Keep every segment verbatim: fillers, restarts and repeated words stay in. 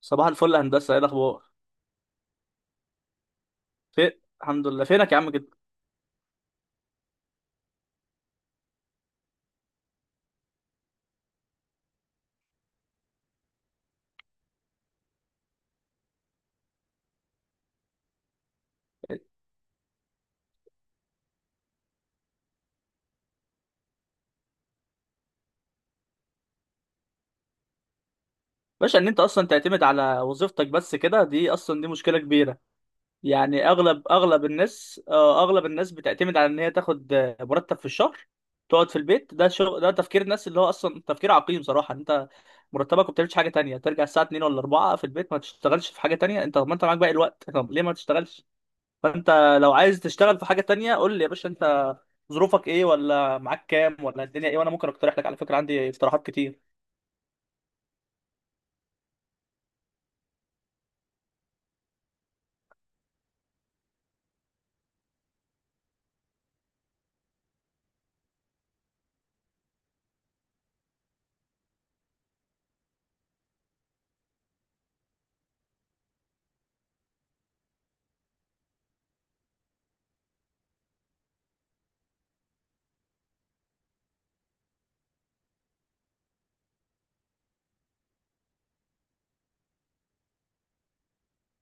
صباح الفل يا هندسة، ايه الأخبار؟ في، الحمد لله. فينك يا عم كده؟ باشا، إن أنت أصلا تعتمد على وظيفتك بس كده، دي أصلا دي مشكلة كبيرة. يعني أغلب أغلب الناس، آه، أغلب الناس بتعتمد على إن هي تاخد آه، مرتب في الشهر، تقعد في البيت. ده شغل؟ ده تفكير الناس، اللي هو أصلا تفكير عقيم صراحة. إن أنت مرتبك وما بتعملش حاجة تانية، ترجع الساعة اتنين ولا اربعة في البيت، ما تشتغلش في حاجة تانية؟ أنت طب ما أنت معاك باقي الوقت، طب ليه ما تشتغلش؟ فانت لو عايز تشتغل في حاجه تانية، قول لي يا باشا، انت ظروفك ايه، ولا معاك كام، ولا الدنيا ايه، وانا ممكن اقترح لك. على فكره عندي اقتراحات كتير.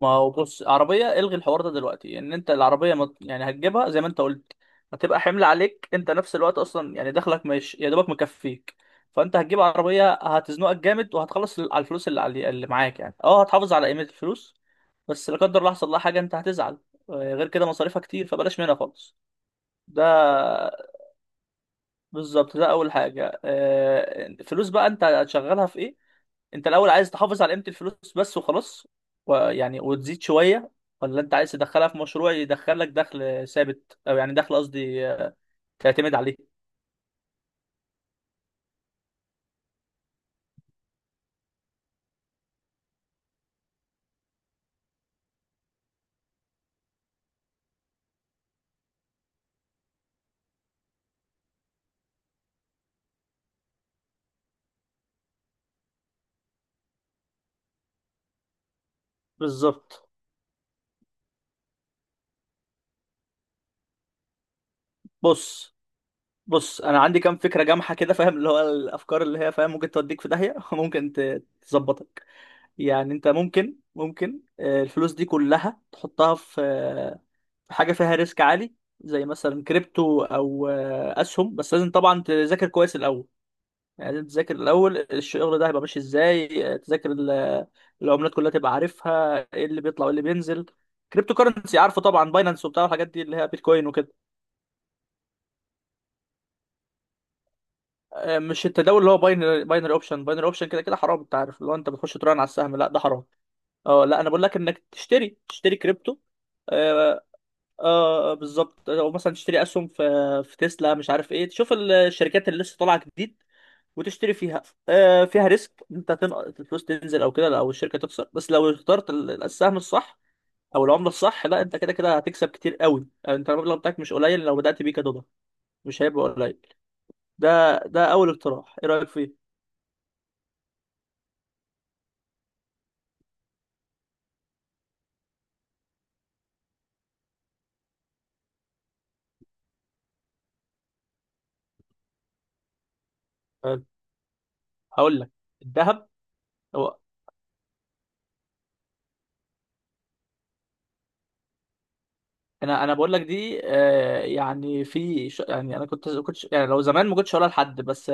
ما هو بص، عربيه الغي الحوار ده دلوقتي. ان انت العربيه ما يعني هتجيبها زي ما انت قلت، هتبقى حمل عليك، انت نفس الوقت اصلا. يعني دخلك مش يا دوبك مكفيك. فانت هتجيب عربيه هتزنقك جامد، وهتخلص على الفلوس اللي علي- اللي معاك. يعني اه، هتحافظ على قيمه الفلوس بس لا قدر الله حصل لها حاجه، انت هتزعل. آه، غير كده مصاريفها كتير، فبلاش منها خالص. ده بالظبط ده اول حاجه. آه، الفلوس بقى انت هتشغلها في ايه؟ انت الاول عايز تحافظ على قيمه الفلوس بس وخلاص، ويعني وتزيد شويه؟ ولا انت عايز تدخلها في مشروع يدخلك دخل ثابت، او يعني دخل قصدي آه، تعتمد عليه؟ بالظبط. بص بص، انا عندي كام فكره جامحه كده، فاهم؟ اللي هو الافكار اللي هي، فاهم، ممكن توديك في داهيه وممكن ت- تظبطك. يعني انت ممكن ممكن آه، الفلوس دي كلها تحطها في حاجه فيها ريسك عالي، زي مثلا كريبتو، او آه، اسهم. بس لازم طبعا تذاكر كويس الاول. يعني لازم تذاكر الاول الشغل ده هيبقى ماشي ازاي. آه، تذاكر ال- العملات كلها، تبقى عارفها ايه اللي بيطلع وايه اللي بينزل. كريبتو كرنسي عارفه طبعا، باينانس وبتاع الحاجات دي، اللي هي بيتكوين وكده. آه، مش التداول اللي هو باينري باينري اوبشن، باينري اوبشن، كده كده حرام. انت عارف، اللي هو انت بتخش تراهن على السهم، لا ده حرام. اه لا، انا بقول لك انك تشتري تشتري كريبتو. آه. اه آه، بالظبط، او مثلا تشتري اسهم في في تسلا، مش عارف ايه. تشوف الشركات اللي لسه طالعه جديد وتشتري فيها. آه، فيها ريسك، انت تنقص الفلوس تنزل او كده، او الشركه تخسر. بس لو اخترت ال- السهم الصح او العمله الصح، لا انت كده كده هتكسب كتير قوي. يعني انت المبلغ بتاعك مش قليل، لو بدات بيه كدولار مش هيبقى قليل. ده ده اول اقتراح، ايه رايك فيه؟ حلو. هقول لك. الذهب، هو انا انا بقول لك دي آه، يعني في ش- يعني انا كنت كنت يعني لو زمان ما كنتش هقولها لحد، بس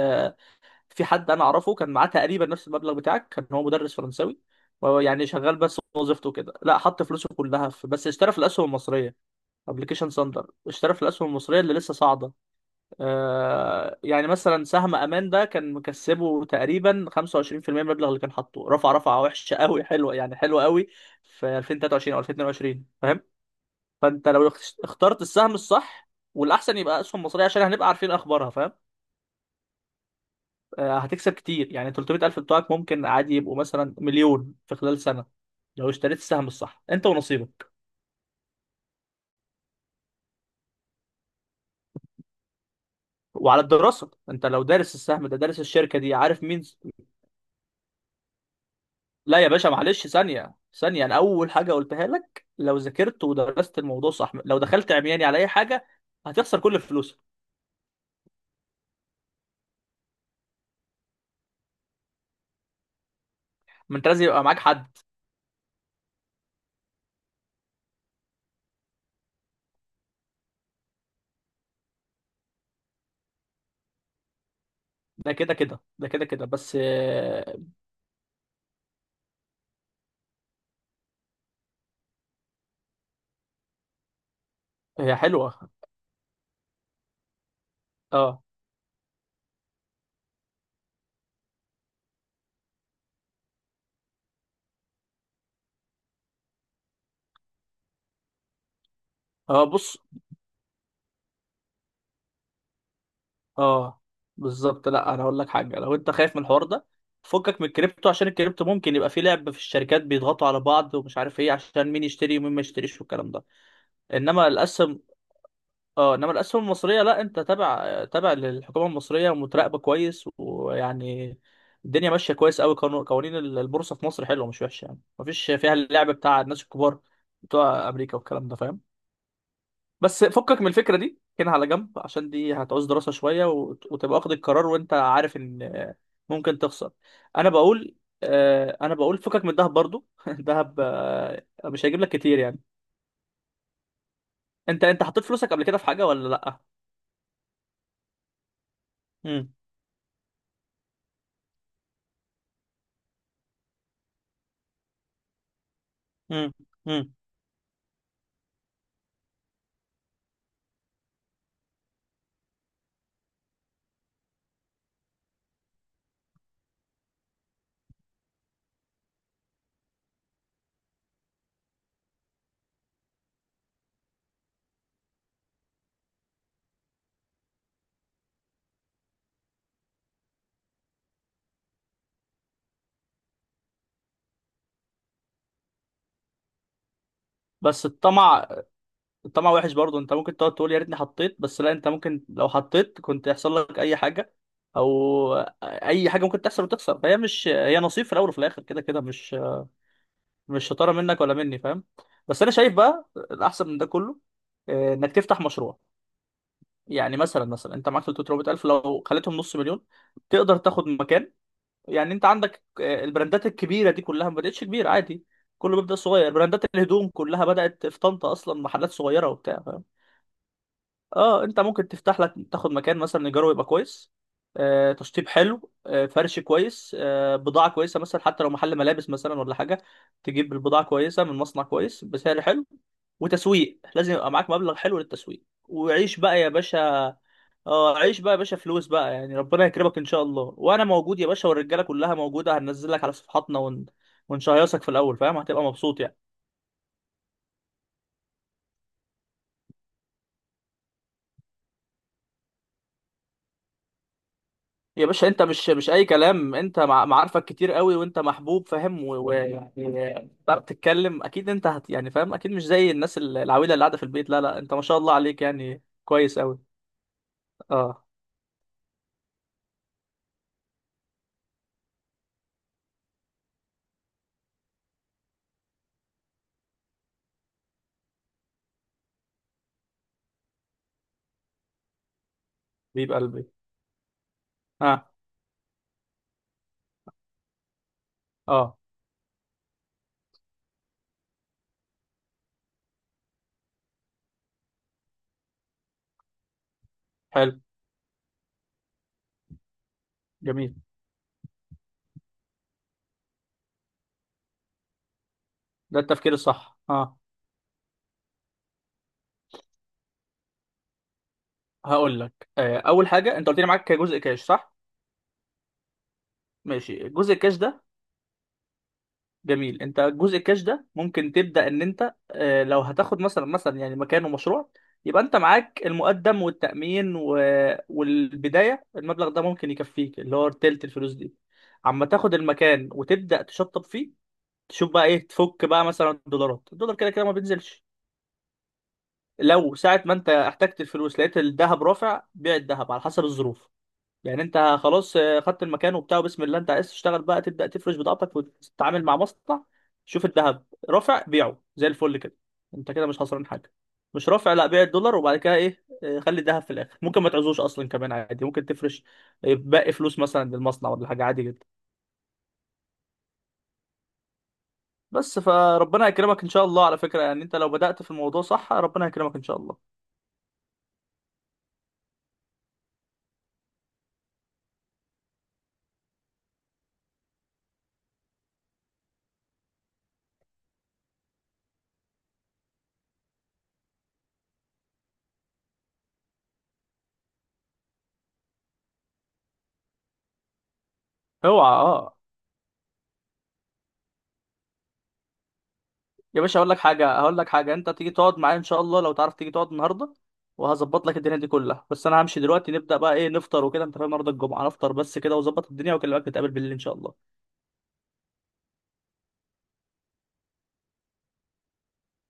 في حد انا اعرفه كان معاه تقريبا نفس المبلغ بتاعك، كان هو مدرس فرنساوي. وهو يعني شغال بس وظيفته كده، لا حط فلوسه كلها في، بس اشترى في الاسهم المصريه. ابلكيشن ساندر، اشترى في الاسهم المصريه اللي لسه صاعده. آه يعني مثلا سهم امان ده كان مكسبه تقريبا خمسة وعشرين في المية من المبلغ اللي كان حاطه، رفع رفعه وحشه قوي حلوه، يعني حلوه قوي، في ألفين وتلاتة وعشرين او ألفين واتنين وعشرين، فاهم؟ فانت لو اخت- اخترت السهم الصح، والاحسن يبقى اسهم مصريه عشان هنبقى عارفين اخبارها، فاهم، آه، هتكسب كتير. يعني تلتمية ألف بتوعك ممكن عادي يبقوا مثلا مليون في خلال سنة، لو اشتريت السهم الصح، انت ونصيبك. وعلى الدراسة، انت لو دارس السهم ده دارس الشركة دي، عارف مين. لا يا باشا معلش، ثانية ثانية، انا اول حاجة قلتها لك لو ذاكرت ودرست الموضوع صح. لو دخلت عمياني على اي حاجة هتخسر كل فلوسك. ما انت لازم يبقى معاك حد. ده كده كده، ده كده كده بس. آه، هي حلوة. اه اه، بص. اه بالظبط. لا انا هقول لك حاجه، لو انت خايف من الحوار ده، فكك من الكريبتو. عشان الكريبتو ممكن يبقى فيه لعب في الشركات، بيضغطوا على بعض ومش عارف ايه، عشان مين يشتري ومين ما يشتريش والكلام ده. انما الاسهم، اه انما الاسهم المصريه، لا انت تابع تابع للحكومه المصريه ومتراقبه كويس، ويعني الدنيا ماشيه كويس قوي. قانو- قوانين البورصه في مصر حلوه مش وحشه، يعني مفيش فيها اللعب بتاع الناس الكبار بتوع امريكا والكلام ده، فاهم؟ بس فكك من الفكره دي كده على جنب، عشان دي هتعوز دراسه شويه، وت- وتبقى واخد القرار وانت عارف ان ممكن تخسر. انا بقول آه، انا بقول فكك من الذهب برضو الذهب آه، مش هيجيب لك كتير، يعني. انت انت حطيت فلوسك قبل كده في حاجه ولا لا؟ امم. امم. امم. بس الطمع، الطمع وحش برضو. انت ممكن تقعد تقول يا ريتني حطيت، بس لا، انت ممكن لو حطيت كنت يحصل لك اي حاجه، او اي حاجه ممكن تحصل وتخسر. فهي مش، هي نصيب في الاول وفي الاخر، كده كده مش مش شطاره منك ولا مني، فاهم؟ بس انا شايف بقى الاحسن من ده كله آه، انك تفتح مشروع. يعني مثلا مثلا انت معاك تلتمية ألف، لو خليتهم نص مليون تقدر تاخد مكان. يعني انت عندك آه، البراندات الكبيره دي كلها ما بداتش كبيره، عادي. كله بيبدا صغير. براندات الهدوم كلها بدات في طنطا اصلا، محلات صغيره وبتاع. اه، انت ممكن تفتح لك، تاخد مكان مثلا ايجاره يبقى كويس، آه، تشطيب حلو، آه، فرش كويس، آه، بضاعه كويسه، مثلا حتى لو محل ملابس مثلا ولا حاجه. تجيب البضاعه كويسه من مصنع كويس بسعر حلو، وتسويق لازم يبقى معاك مبلغ حلو للتسويق، وعيش بقى يا باشا. اه، عيش بقى يا باشا، فلوس بقى، يعني ربنا يكرمك ان شاء الله، وانا موجود يا باشا، والرجاله كلها موجوده، هننزل لك على صفحاتنا ون... ونشيصك في الاول، فاهم، هتبقى مبسوط، يعني. يا باشا، انت مش مش اي كلام، انت مع- معارفك كتير قوي، وانت محبوب، فاهم؟ ويعني بتعرف تتكلم اكيد، انت هت يعني فاهم اكيد، مش زي الناس ال- العويله اللي قاعده في البيت، لا لا، انت ما شاء الله عليك، يعني كويس قوي. اه. حبيب قلبي. اه اه. حلو. جميل، ده التفكير الصح. اه، هقول لك، آه اول حاجه، انت قلت لي معاك جزء كاش صح؟ ماشي، الجزء الكاش ده، جميل. انت جزء الكاش ده ممكن تبدا ان انت آه، لو هتاخد مثلا مثلا يعني مكانه مشروع، يبقى انت معاك المقدم والتامين، و... والبدايه، المبلغ ده ممكن يكفيك، اللي هو تلت الفلوس دي. اما تاخد المكان وتبدا تشطب فيه، تشوف بقى ايه تفك، بقى مثلا الدولارات، الدولار كده كده ما بينزلش. لو ساعه ما انت احتجت الفلوس، لقيت الذهب رافع، بيع الذهب على حسب الظروف. يعني انت خلاص، آه، خدت المكان وبتاع، وبسم الله انت عايز تشتغل بقى، تبدا تفرش بضاعتك وتتعامل مع مصنع. شوف الذهب رافع بيعه زي الفل كده، انت كده مش خسران حاجه. مش رافع، لا، بيع الدولار وبعد كده، ايه، آه، خلي الذهب في الاخر، ممكن ما تعزوش اصلا كمان عادي. ممكن تفرش آه، باقي فلوس مثلا للمصنع ولا حاجه، عادي جدا. بس فربنا يكرمك ان شاء الله. على فكره، يعني انت لو بدات في الموضوع صح ربنا يكرمك ان شاء الله. اوعى. اه. يا باشا هقول لك حاجه هقول لك حاجه انت تيجي تقعد معايا ان شاء الله، لو تعرف تيجي تقعد النهارده، وهظبط لك الدنيا دي كلها. بس انا همشي دلوقتي، نبدا بقى ايه، نفطر وكده، انت فاهم، النهارده الجمعه، نفطر بس كده وظبط الدنيا، واكلمك نتقابل بالليل ان شاء الله.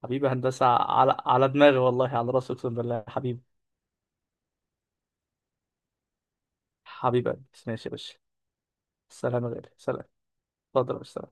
حبيبي يا هندسه، على على دماغي والله، على راسي اقسم بالله، حبيبي. حبيبي يا هندسة. ماشي يا باشا. سلام يا غالي، سلام. اتفضل يا باشا.